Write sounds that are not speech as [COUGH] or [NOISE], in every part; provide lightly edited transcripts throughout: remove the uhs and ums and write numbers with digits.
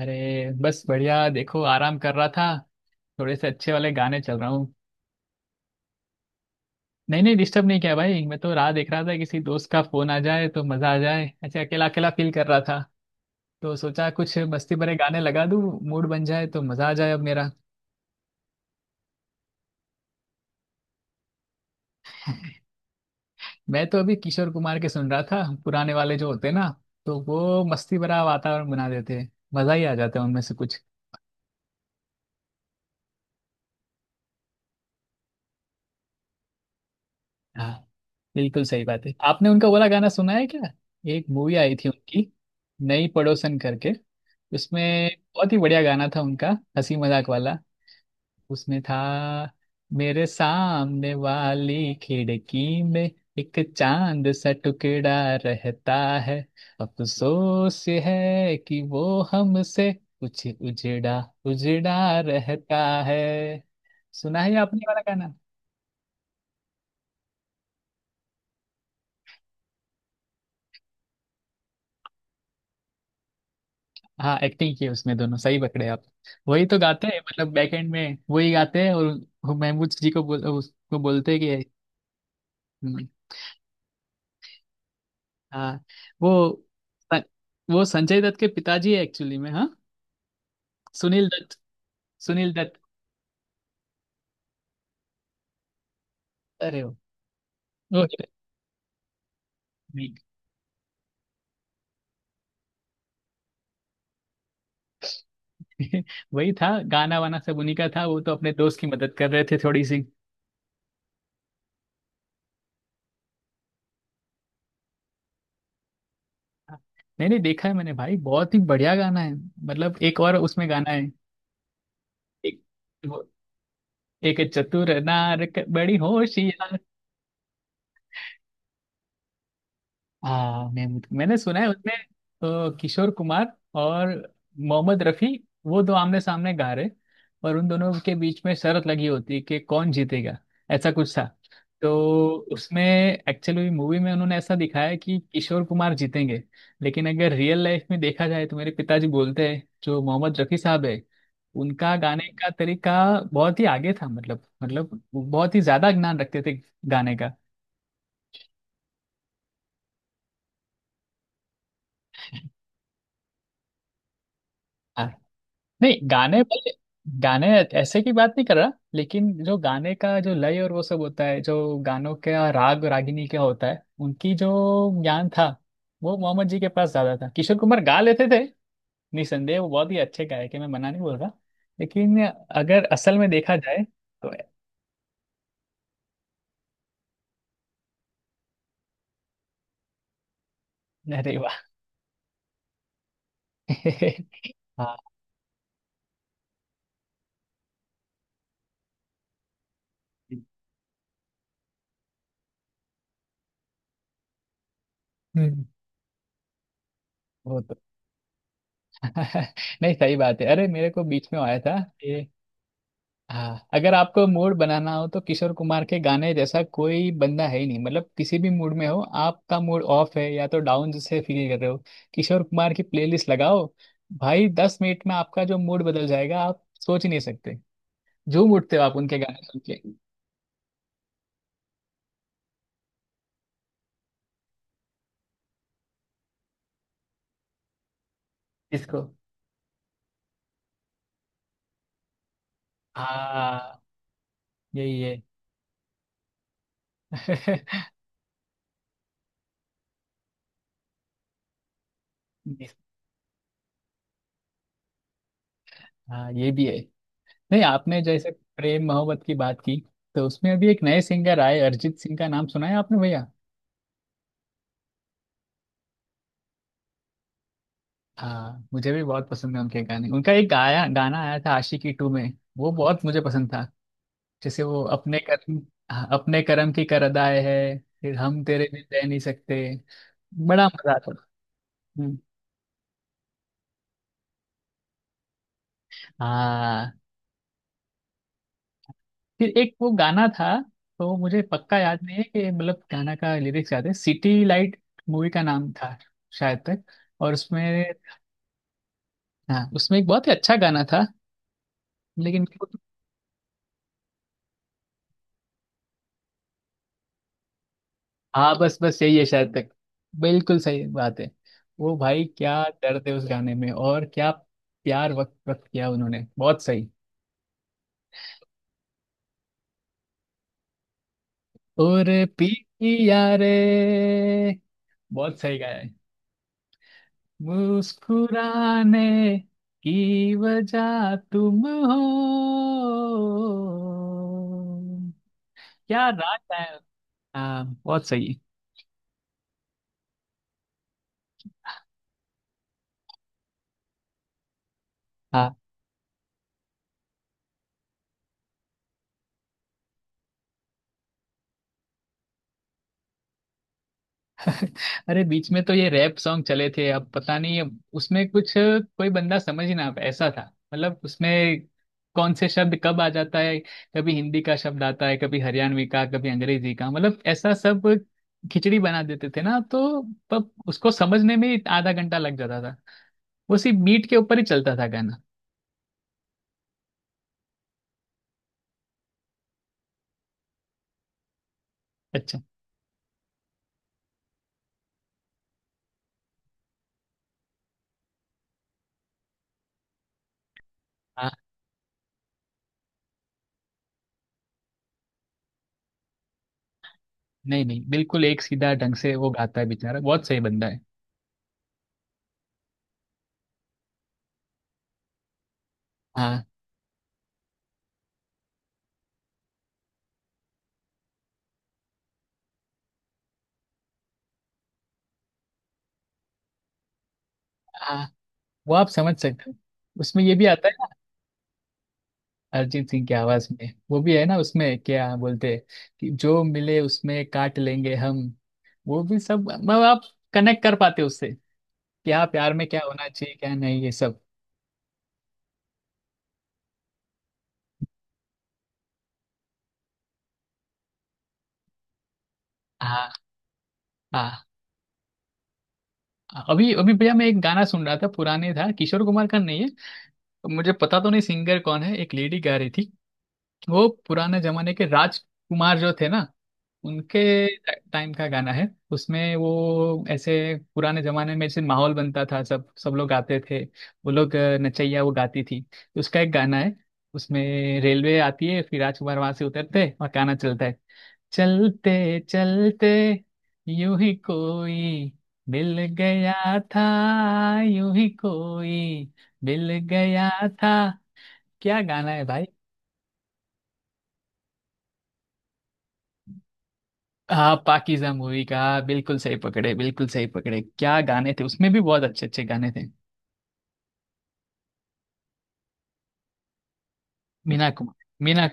अरे बस बढ़िया। देखो, आराम कर रहा था। थोड़े से अच्छे वाले गाने चल रहा हूँ। नहीं नहीं, डिस्टर्ब नहीं किया भाई। मैं तो राह देख रहा था किसी दोस्त का फोन आ जाए तो मजा आ जाए। ऐसे अकेला अकेला फील कर रहा था तो सोचा कुछ मस्ती भरे गाने लगा दूँ। मूड बन जाए तो मजा आ जाए अब मेरा। मैं तो अभी किशोर कुमार के सुन रहा था, पुराने वाले जो होते ना, तो वो मस्ती भरा वातावरण बना देते हैं। मजा ही आ जाता है उनमें से कुछ। हाँ, बिल्कुल सही बात है। आपने उनका वाला गाना सुना है क्या? एक मूवी आई थी उनकी, नई पड़ोसन करके। उसमें बहुत ही बढ़िया गाना था उनका, हंसी मजाक वाला। उसमें था, मेरे सामने वाली खिड़की में एक चांद सा टुकड़ा रहता है। अफसोस है कि वो हमसे कुछ उजड़ा उजड़ा रहता है। सुना है आपने ये वाला गाना? हाँ, एक्टिंग की है उसमें दोनों। सही पकड़े आप। वही तो गाते हैं, मतलब बैक एंड में वही गाते हैं। और वो महमूद जी को बोल, उसको बोलते हैं कि हम्म, हाँ, वो वो संजय दत्त के पिताजी है एक्चुअली में। हाँ, सुनील दत्त। सुनील दत्त। अरे वो तो नहीं, [LAUGHS] वही था। गाना वाना सब उन्हीं का था। वो तो अपने दोस्त की मदद कर रहे थे थोड़ी सी। नहीं नहीं, देखा है मैंने भाई। बहुत ही बढ़िया गाना है। मतलब एक और उसमें गाना है, एक वो, एक चतुर नार बड़ी होशियार। हाँ, महमूद। मैंने सुना है उसमें किशोर कुमार और मोहम्मद रफी, वो दो आमने सामने गा रहे। और उन दोनों के बीच में शर्त लगी होती है कि कौन जीतेगा, ऐसा कुछ था। तो उसमें एक्चुअली मूवी में उन्होंने ऐसा दिखाया कि किशोर कुमार जीतेंगे। लेकिन अगर रियल लाइफ में देखा जाए तो मेरे पिताजी बोलते हैं, जो मोहम्मद रफी साहब है, उनका गाने का तरीका बहुत ही आगे था। मतलब वो बहुत ही ज्यादा ज्ञान रखते थे गाने का। नहीं गाने भाई, गाने ऐसे की बात नहीं कर रहा। लेकिन जो गाने का जो लय और वो सब होता है, जो गानों का राग रागिनी क्या होता है, उनकी जो ज्ञान था, वो मोहम्मद जी के पास ज्यादा था। किशोर कुमार गा लेते थे, निसंदेह वो बहुत ही अच्छे गायक है, मैं मना नहीं बोल रहा। लेकिन अगर असल में देखा जाए तो, अरे वाह। [LAUGHS] हाँ। हम्म, वो तो [LAUGHS] नहीं, सही बात है। अरे मेरे को बीच में आया था। हाँ, अगर आपको मूड बनाना हो तो किशोर कुमार के गाने जैसा कोई बंदा है ही नहीं। मतलब किसी भी मूड में हो, आपका मूड ऑफ है या तो डाउन जैसे फील कर रहे हो, किशोर कुमार की प्लेलिस्ट लगाओ भाई। 10 मिनट में आपका जो मूड बदल जाएगा आप सोच ही नहीं सकते। झूम उठते हो आप उनके गाने सुन के। इसको, हाँ यही है। [LAUGHS] इस- हाँ, ये भी है। नहीं, आपने जैसे प्रेम मोहब्बत की बात की तो उसमें अभी एक नए सिंगर आए, अरिजीत सिंह का नाम सुना है आपने भैया? हाँ, मुझे भी बहुत पसंद है उनके गाने। उनका एक गाया गाना आया था आशिकी 2 में। वो बहुत मुझे पसंद था। जैसे वो अपने कर्म, हाँ, अपने कर्म की कर अदाए है फिर हम तेरे बिन रह नहीं सकते। बड़ा मजा आता था। हम्म, हाँ। फिर एक वो गाना था, तो मुझे पक्का याद नहीं है कि, मतलब गाना का लिरिक्स याद है। सिटी लाइट मूवी का नाम था शायद तक। और उसमें हाँ, उसमें एक बहुत ही अच्छा गाना था, लेकिन, हाँ बस बस यही है शायद तक। बिल्कुल सही बात है। वो भाई, क्या दर्द है उस गाने में। और क्या प्यार वक्त वक्त किया उन्होंने। बहुत सही। और पिया रे। बहुत सही गाया है। मुस्कुराने की वजह तुम हो। क्या रात है। हाँ, बहुत सही। हाँ। अरे बीच में तो ये रैप सॉन्ग चले थे, अब पता नहीं। अब उसमें कुछ कोई बंदा समझ ही ना पाए ऐसा था। मतलब उसमें कौन से शब्द कब आ जाता है, कभी हिंदी का शब्द आता है, कभी हरियाणवी का, कभी अंग्रेजी का, मतलब ऐसा सब खिचड़ी बना देते थे ना। तो तब उसको समझने में ही आधा घंटा लग जाता था। वो सिर्फ बीट के ऊपर ही चलता था गाना। अच्छा हाँ। नहीं नहीं, बिल्कुल एक सीधा ढंग से वो गाता है बेचारा। बहुत सही बंदा है। हाँ, हाँ, वो आप समझ सकते हो। उसमें ये भी आता है, अरिजीत सिंह की आवाज में वो भी है ना। उसमें क्या बोलते कि जो मिले उसमें काट लेंगे हम। वो भी सब, मतलब आप कनेक्ट कर पाते उससे। क्या प्यार में क्या होना चाहिए क्या नहीं, ये सब। हाँ, हाँ, हाँ। अभी अभी भैया मैं एक गाना सुन रहा था पुराने, था किशोर कुमार का नहीं है। मुझे पता तो नहीं सिंगर कौन है, एक लेडी गा रही थी। वो पुराने जमाने के राजकुमार जो थे ना, उनके टाइम का गाना है। उसमें वो ऐसे, पुराने जमाने में ऐसे माहौल बनता था, सब सब लोग गाते थे वो लोग। नचैया वो गाती थी। तो उसका एक गाना है, उसमें रेलवे आती है, फिर राजकुमार वहां से उतरते हैं और गाना चलता है: चलते चलते यूं ही कोई मिल गया था, यूं ही कोई मिल गया था। क्या गाना है। हाँ, पाकीज़ा मूवी का। हाँ, बिल्कुल सही पकड़े, बिल्कुल सही पकड़े। क्या गाने थे, उसमें भी बहुत अच्छे अच्छे गाने थे। मीना कुमार, मीना,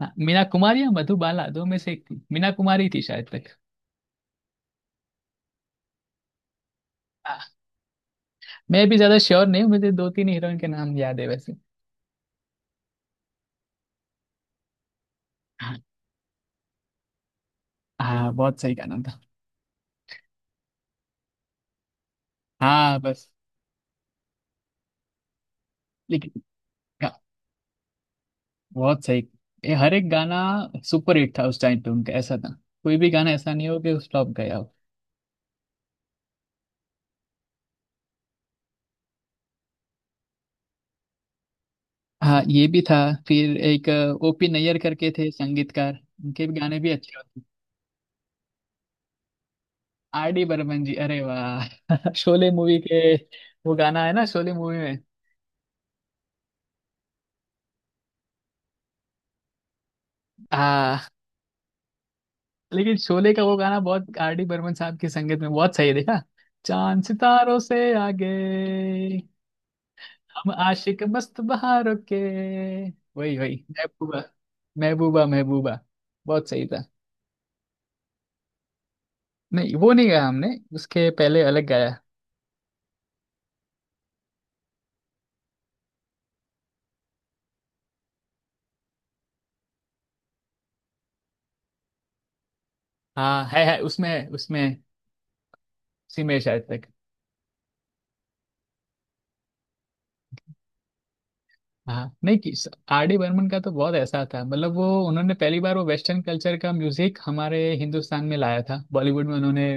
हाँ, मीना कुमारी या मधुबाला, दो में से एक थी। मीना कुमारी थी शायद तक। हाँ, मैं भी ज्यादा श्योर नहीं हूँ। मुझे दो तीन हीरोइन के नाम याद है वैसे। हाँ, हाँ, बहुत सही गाना था। हाँ बस। लेकिन गा- बहुत सही। ये हर एक गाना सुपर हिट था उस टाइम पे उनका। ऐसा था कोई भी गाना ऐसा नहीं हो कि फ्लॉप गया हो। हाँ, ये भी था। फिर एक ओपी नैयर करके थे संगीतकार, उनके भी गाने भी अच्छे। आर डी बर्मन जी, अरे वाह। [LAUGHS] शोले मूवी के, वो गाना है ना शोले मूवी में। आ, लेकिन शोले का वो गाना, बहुत आर डी बर्मन साहब की संगीत में बहुत सही है। देखा, चांद सितारों से आगे, हम आशिक मस्त बहारों के। वही वही। महबूबा, महबूबा महबूबा। बहुत सही था। नहीं वो नहीं गाया हमने, उसके पहले अलग गाया। हाँ, है उसमें उसमें उसी में शायद। हाँ, नहीं कि आर डी बर्मन का तो बहुत ऐसा था। मतलब वो उन्होंने पहली बार वो वेस्टर्न कल्चर का म्यूजिक हमारे हिंदुस्तान में लाया था बॉलीवुड में। उन्होंने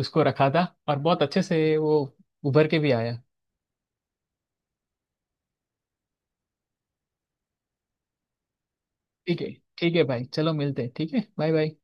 उसको रखा था और बहुत अच्छे से वो उभर के भी आया। ठीक है। ठीक है भाई, चलो मिलते हैं। ठीक है, बाय बाय।